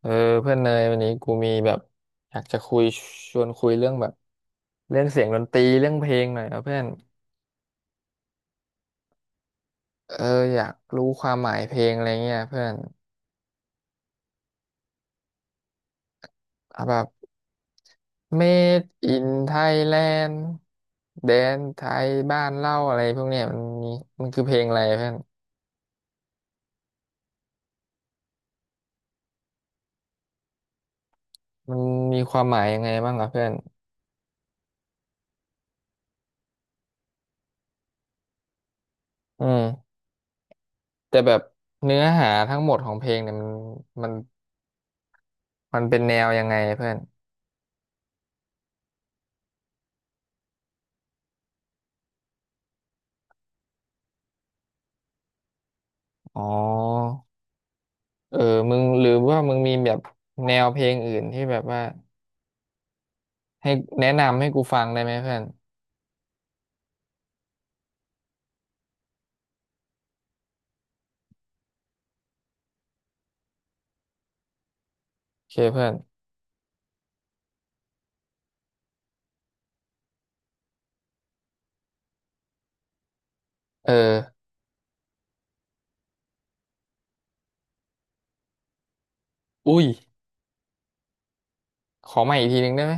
เออเพื่อนเนยวันนี้กูมีแบบอยากจะคุยชวนคุยเรื่องแบบเรื่องเสียงดนตรีเรื่องเพลงหน่อยนะเพื่อนเอออยากรู้ความหมายเพลงอะไรเงี้ยเพื่อนเอาแบบ Made in Thailand แดนไทยบ้านเล่าอะไรพวกเนี้ยมันคือเพลงอะไรเพื่อนมันมีความหมายยังไงบ้างอ่ะเพื่อนอืมแต่แบบเนื้อหาทั้งหมดของเพลงเนี่ยมันมันเป็นแนวยังไงเพื่อนอ๋อ เออมึงหรือว่ามึงมีแบบแนวเพลงอื่นที่แบบว่าให้แนะนำให้กูฟังได้ไหมเพื่อนโอเคเพื่อนเอออุ้ยขอใหม่อีกทีหนึ่งได้ไหม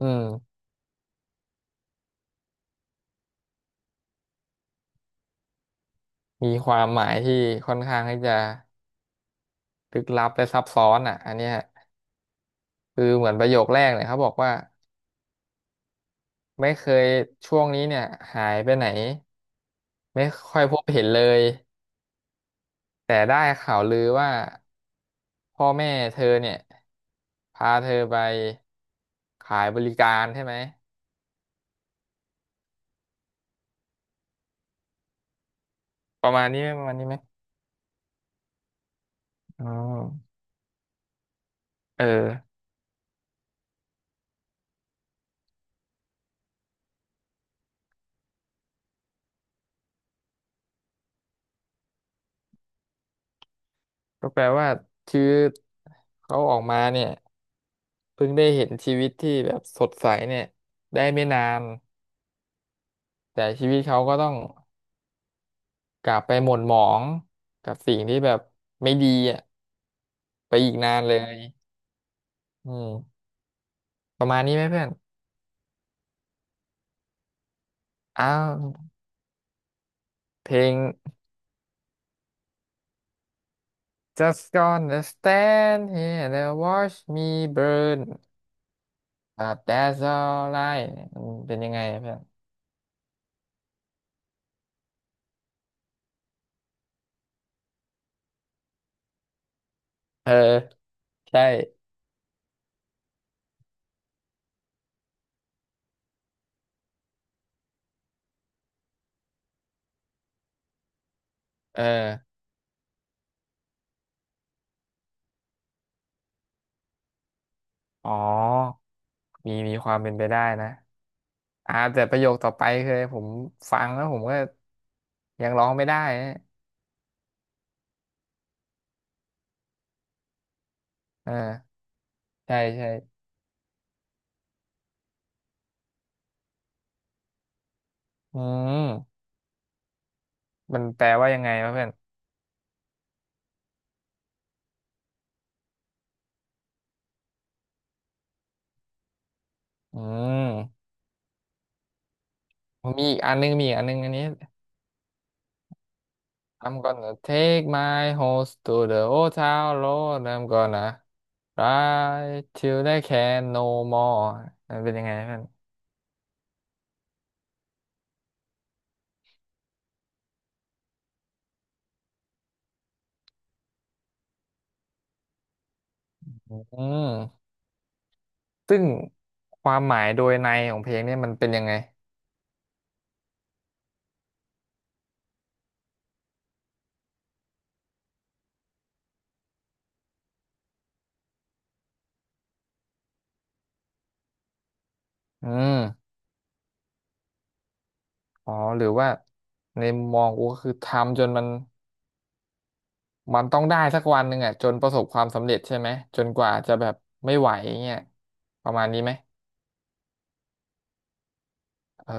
อืมมีความหมายที่ค่อนข้างที่จะลึกลับและซับซ้อนอ่ะอันเนี้ยคือเหมือนประโยคแรกเนี่ยเขาบอกว่าไม่เคยช่วงนี้เนี่ยหายไปไหนไม่ค่อยพบเห็นเลยแต่ได้ข่าวลือว่าพ่อแม่เธอเนี่ยพาเธอไปขายบริการใช่ไหม ประมาณนี้ไหมประมาณนี้ไหมอ๋อเออก็แปลว่าชีวิตเขาออกมาเนี่ยเพิ่งได้เห็นชีวิตที่แบบสดใสเนี่ยได้ไม่นานแต่ชีวิตเขาก็ต้องกลับไปหม่นหมองกับสิ่งที่แบบไม่ดีอ่ะไปอีกนานเลยอืมประมาณนี้ไหมเพื่อนอ้าวเพลง Just gonna stand here and watch me burn but that's all right มันเป็นยังไงอะเพื่อนเออใช่ เอออ๋อมีมีความเป็นไปได้นะ อ่าแต่ประโยคต่อไปคือผมฟังแล้วผมก็ยังร้องไม่ได้นะเออใช่ใช่ อืม มันแปลว่ายังไงวะเพื่อนอืมมีอีกอันนึงมีอีกอันนึงอันนี้ I'm gonna take my horse to the old town road I'm gonna ride till I can no more มันเป็นยังไงเพื่อนอืมซึ่งความหมายโดยในของเพลงเนี่ยมันเป็นยังไง อืม อ๋อหรือว่าในมุมมองกูก็คือทำจนมันมันต้องได้สักวันหนึ่งอ่ะจนประสบความสำเร็จใช่ไหมจนกว่าจะแบบไม่ไหวเงี้ยประมาณนี้ไหมเออ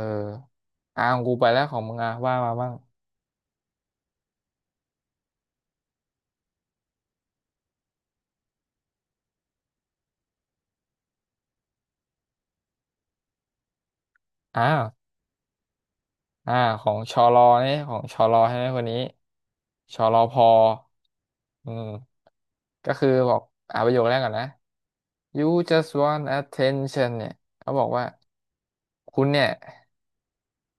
อ่าของกูไปแล้วของมึงอ่ะว่ามาบ้างอ้าวอ่าของชอรอเนี่ยของชอรอใช่ไหมคนนี้ชอรอพออืมก็คือบอกอ่าประโยคแรกก่อนนะ You just want attention เนี่ยเขาบอกว่าคุณเนี่ย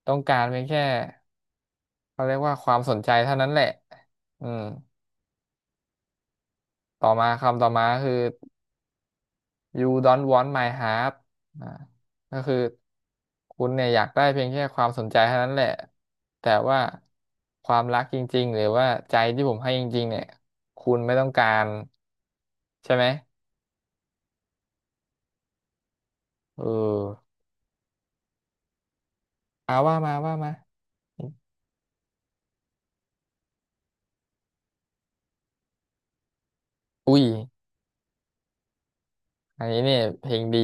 ต้องการเพียงแค่ เขาเรียกว่าความสนใจเท่านั้นแหละอืมต่อมาคำต่อมาคือ you don't want my heart อ่าก็คือคุณเนี่ยอยากได้เพียงแค่ความสนใจเท่านั้นแหละ แต่ว่าความรักจริงๆหรือว่าใจที่ผมให้จริงๆเนี่ยคุณไม่ต้องการใช่ไหม เออเอาว่ามาว่ามาอุ้ย อันนี้เนี่ยเพลงดี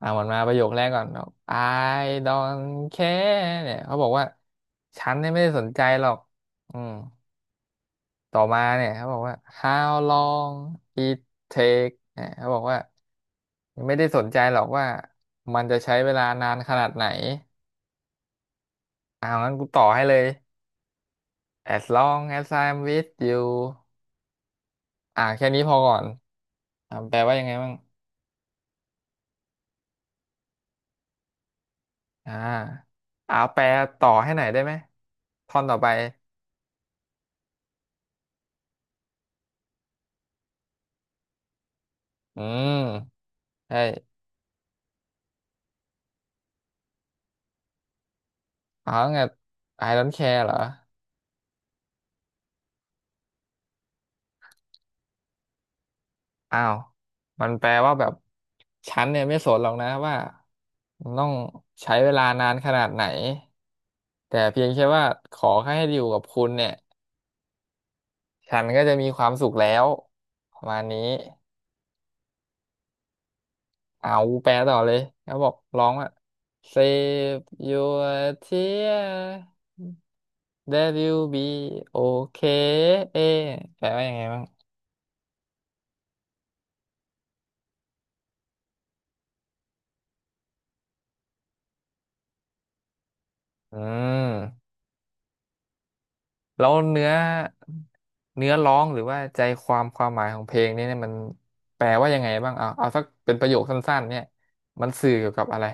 อ่าหมดมาประโยคแรกก่อนบอก I don't care เนี่ยเขาบอกว่าฉันเนี่ยไม่ได้สนใจหรอกอืมต่อมาเนี่ยเขาบอกว่า How long it take เนี่ยเขาบอกว่าไม่ได้สนใจหรอกว่ามันจะใช้เวลานานขนาดไหนเอางั้นกูต่อให้เลย As long as I'm with you อ่าแค่นี้พอก่อนอ่าแปลว่ายังไงบ้างอ่าเอาแปลต่อให้หน่อยได้ไหมท่อนต่อไป อืมใช่อ๋อไง I don't care เหรอ อ้าว มันแปลว่าแบบฉันเนี่ยไม่สนหรอกนะว่ามันต้องใช้เวลานานขนาดไหนแต่เพียงแค่ว่าขอแค่ให้อยู่กับคุณเนี่ยฉันก็จะมีความสุขแล้วประมาณนี้เอาแปลต่อเลยแล้วบอกร้องว่า Save your tear that you'll be okay แปลว่ายังไงบ้างอืม แล้วเนื้อร้องหรือว่าใจความความหมายของเพลงนี้เนี่ยมันแปลว่ายังไงบ้างเอาสักเป็นประโยคสั้นๆเนี่ยมันสื่อเกี่ยวกับอะไร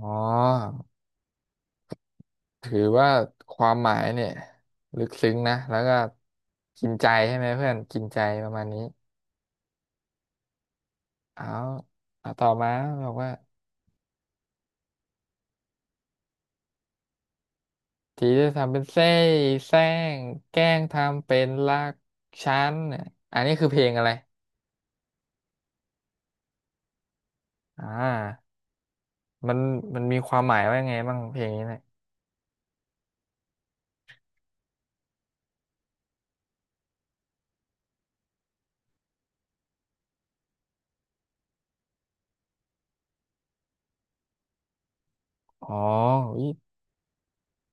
อ๋อ ถือว่าความหมายเนี่ยลึกซึ้งนะ แล้วก็กินใจใช่ไหมเพื่อนกินใจประมาณนี้ เอาเอาต่อมาบอกว่าทีจะทำเป็นเส้แซงแกล้งทำเป็นรักฉันเนี่ยอันนี้คือเพลงอะไร อ่ามันมันมีความหมายว่ายังไงบ้างเพลงนี้เนี่ย อ๋ออุ๊ย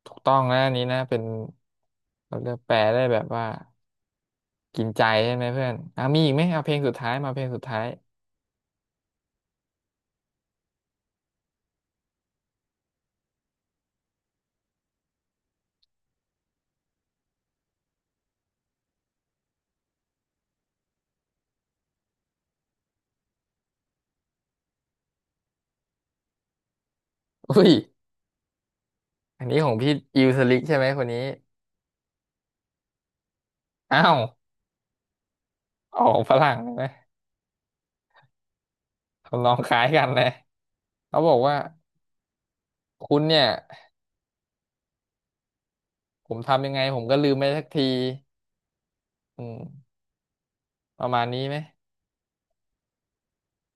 ถูกต้องนะอันนี้นะเป็นเราเรียกแปลได้แบบว่ากินใจใช่ไหมเพื่อนอ่ะมีอีกไหม เอาเพลงสุดท้ายมาเพลงสุดท้ายอุ้ย อันนี้ของพี่อิวสลิกใช่ไหมคนนี้อ้าวออกฝรั่งเลยนะทำนองคล้ายกันเลยเขาบอกว่าคุณเนี่ยผมทำยังไงผมก็ลืมไปสักที อืม ประมาณนี้ไหม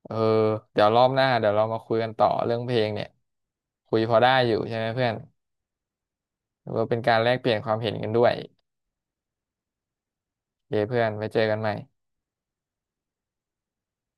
เออเดี๋ยวรอบหน้าเดี๋ยวเรามาคุยกันต่อเรื่องเพลงเนี่ยคุยพอได้อยู่ใช่ไหมเพื่อนหรือว่าเป็นการแลกเปลี่ยนความเห็นกันด้วยโอเคเพื่อนไปเจอกันใหม่